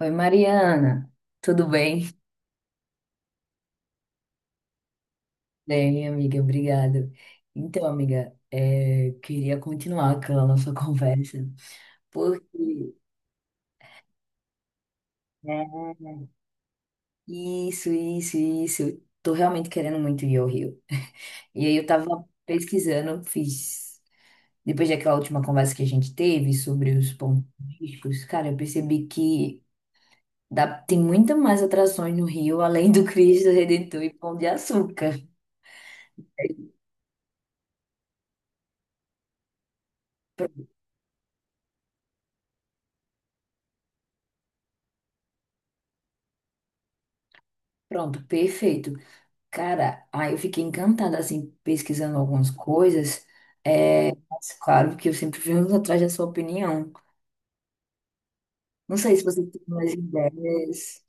Oi, Mariana, tudo bem? Bem, minha amiga, obrigado. Então, amiga, queria continuar aquela nossa conversa, porque, né, isso, eu tô realmente querendo muito ir ao Rio. E aí eu tava pesquisando, fiz, depois daquela última conversa que a gente teve sobre os pontos turísticos, cara, eu percebi que tem muita mais atrações no Rio, além do Cristo Redentor e Pão de Açúcar. Pronto, perfeito. Cara, aí eu fiquei encantada, assim, pesquisando algumas coisas. É, mas claro que eu sempre venho atrás da sua opinião. Não sei se você tem mais ideias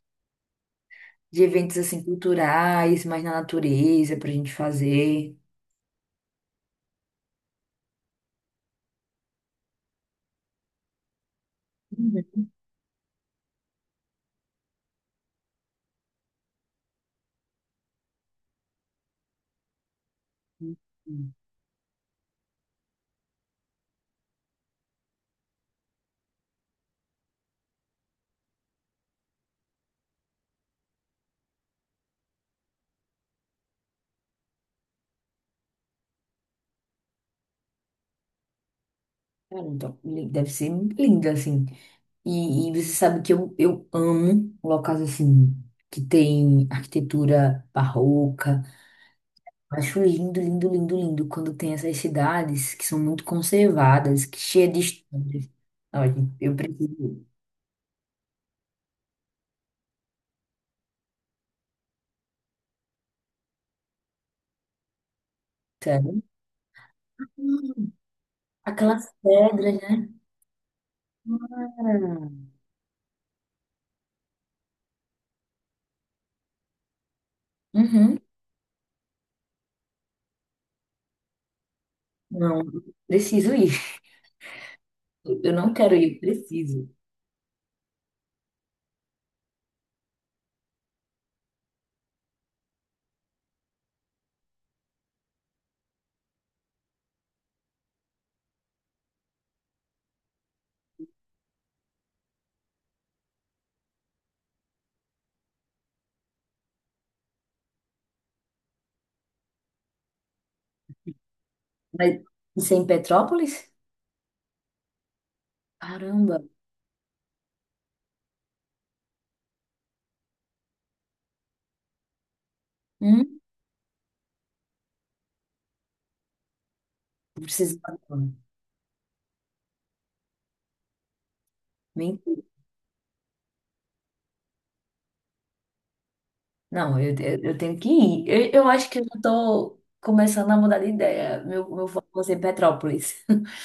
de eventos, assim, culturais, mais na natureza, pra gente fazer. Uhum. Cara, então, deve ser lindo, assim. E você sabe que eu amo locais, assim, que tem arquitetura barroca. Acho lindo, lindo, lindo, lindo quando tem essas cidades que são muito conservadas, que cheia de histórias. Olha, eu preciso, sério. Hum, Aquelas pedras, né? Cara? Uhum. Não, preciso ir. Eu não quero ir, preciso. Mas isso é em Petrópolis? Caramba. Hum, eu preciso ir agora. Mentira. Não, eu tenho que ir. Eu acho que eu já tô começando a mudar de ideia. Meu foco vai ser Petrópolis.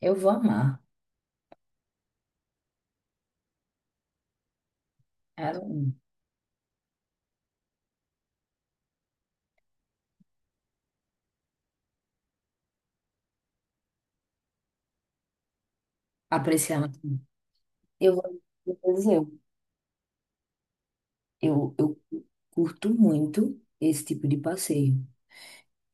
Eu vou amar. Caramba. Apreciar. Eu vou dizer, eu curto muito esse tipo de passeio.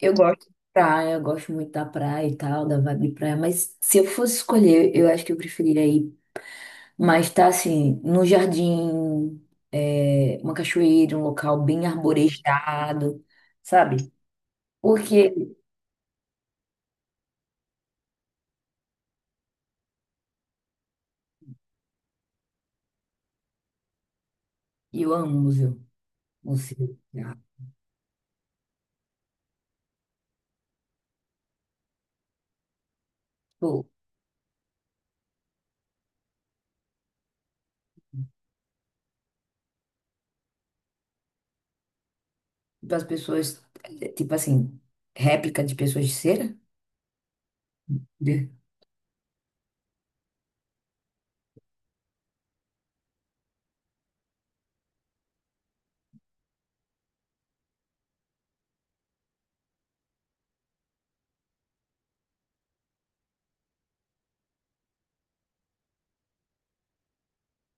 Eu gosto de praia, eu gosto muito da praia e tal, da vibe de praia, mas se eu fosse escolher, eu acho que eu preferiria ir mais tá assim, no jardim, uma cachoeira, um local bem arborizado, sabe? Porque eu amo museu, museu, né? Pô, das pessoas, tipo assim, réplica de pessoas de cera.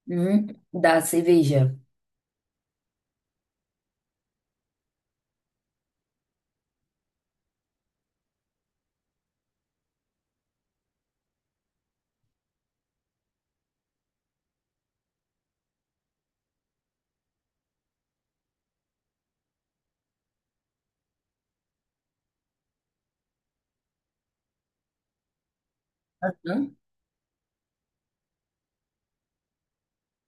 Hum, Da cerveja. Hum?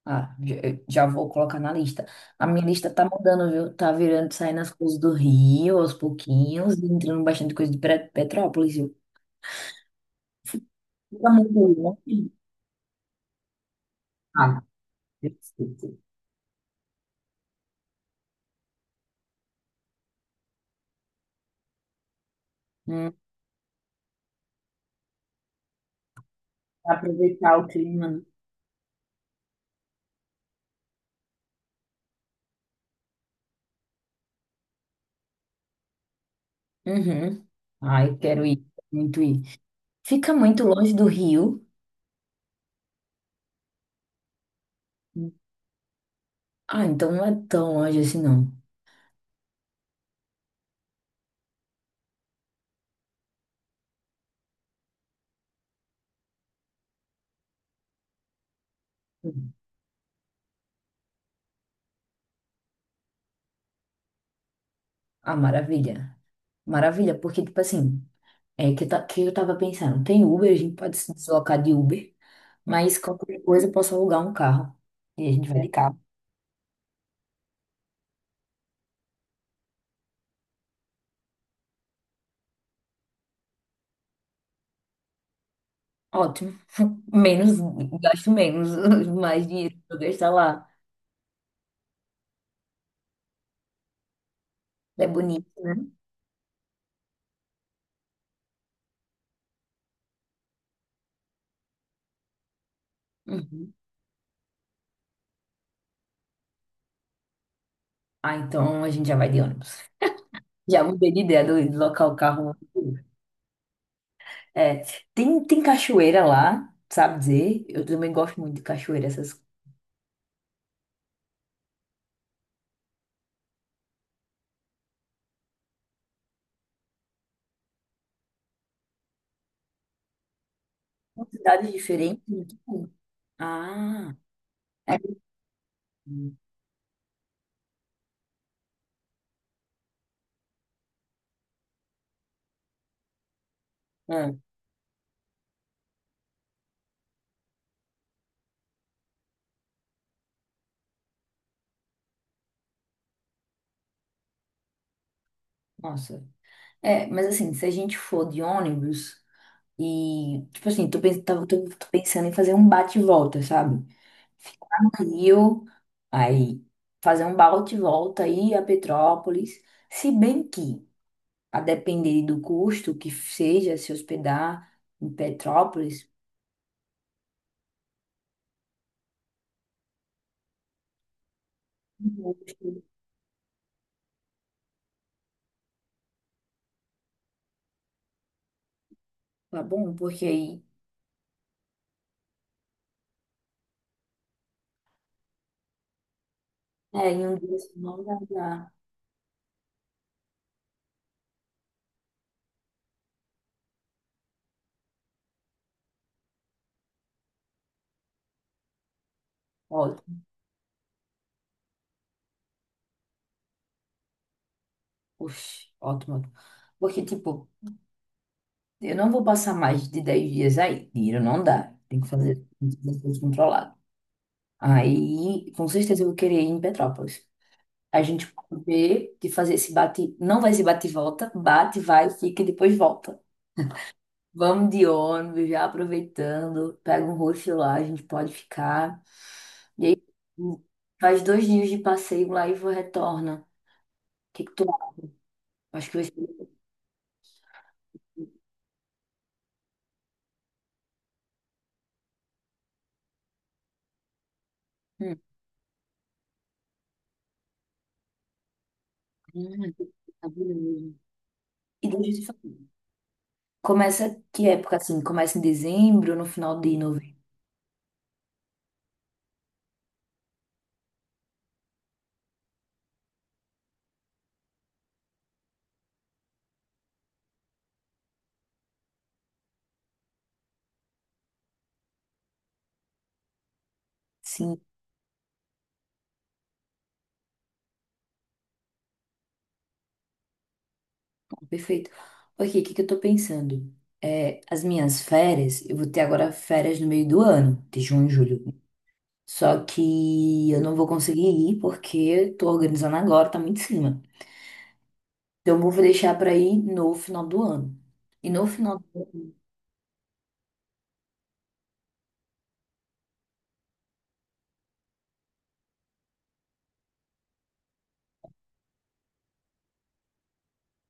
Ah, já, já vou colocar na lista. A minha lista tá mudando, viu? Tá virando, saindo as coisas do Rio aos pouquinhos, e entrando bastante coisa de Petrópolis, viu? Fica muito longe. Ah, perfeito. Hum, Pra aproveitar o clima, né? Uhum. Ah, eu quero ir, muito ir. Fica muito longe do Rio. Ah, então não é tão longe assim, não. Hum. Ah, maravilha. Maravilha, porque, tipo assim. É que, tá, que eu tava pensando, tem Uber, a gente pode se deslocar de Uber, mas qualquer coisa eu posso alugar um carro. E a gente vai de carro. Ótimo. Menos, gasto menos, mais dinheiro pra eu gastar lá. É bonito, né? Uhum. Ah, então a gente já vai de ônibus. Já mudei de ideia do deslocar o carro. É, tem cachoeira lá, sabe dizer? Eu também gosto muito de cachoeira, essas cidades diferentes. Muito bom. Ah, é. Hum, é, Nossa. É, mas assim, se a gente for de ônibus e, tipo assim, tô pensando em fazer um bate e volta, sabe? Ficar no Rio, aí fazer um bate e volta, ir a Petrópolis. Se bem que, a depender do custo que seja se hospedar em Petrópolis, tá bom, porque aí, em um dia assim, não vai dar. Ótimo, oxe, ótimo. Ótimo. Porque, tipo, eu não vou passar mais de 10 dias aí. Dinheiro não dá. Tem que fazer tudo controlado. Aí, com certeza, eu vou querer ir em Petrópolis. A gente pode ver de fazer esse bate. Não vai ser bate e volta. Bate, vai, fica e depois volta. Vamos de ônibus, já aproveitando. Pega um hostel lá, a gente pode ficar. E aí, faz 2 dias de passeio lá e retorna. O que que tu acha? Acho que vai ser. Hum, hum. Tá bonito. E deixa eu te falar. Começa que época assim? Começa em dezembro, no final de novembro. Sim, perfeito. Ok, o que que eu tô pensando? É, as minhas férias, eu vou ter agora férias no meio do ano, de junho e julho. Só que eu não vou conseguir ir porque eu tô organizando agora, tá muito em cima. Então eu vou deixar pra ir no final do ano. E no final do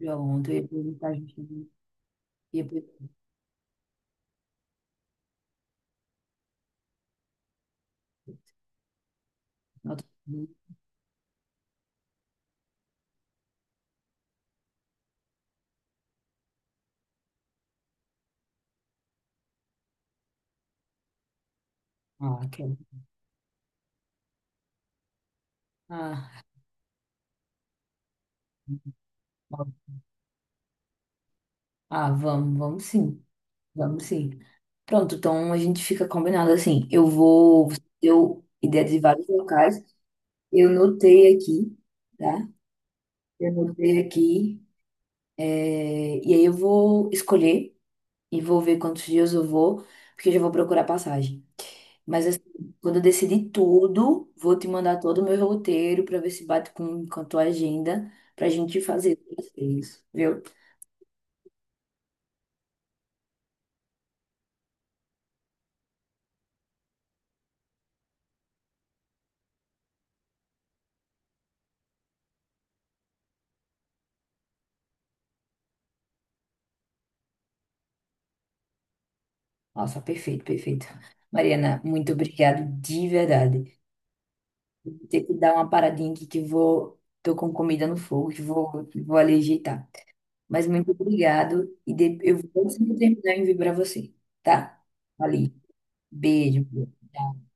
ano, ontem eu ia perguntar a gente. Ia perguntar, ah, quero. Ah, ah, vamos, vamos sim. Vamos sim. Pronto, então a gente fica combinado assim. Eu vou. Você deu ideia de vários locais. Eu notei aqui, tá? Eu notei aqui. E aí eu vou escolher e vou ver quantos dias eu vou, porque eu já vou procurar passagem. Mas assim, quando eu decidir tudo, vou te mandar todo o meu roteiro para ver se bate com a tua agenda pra gente fazer isso, viu? Nossa, perfeito, perfeito. Mariana, muito obrigado de verdade. Ter que dar uma paradinha aqui que vou, tô com comida no fogo, que vou ali ajeitar. Mas muito obrigado e eu vou sempre terminar e enviar para você, tá? Ali. Beijo. Tchau.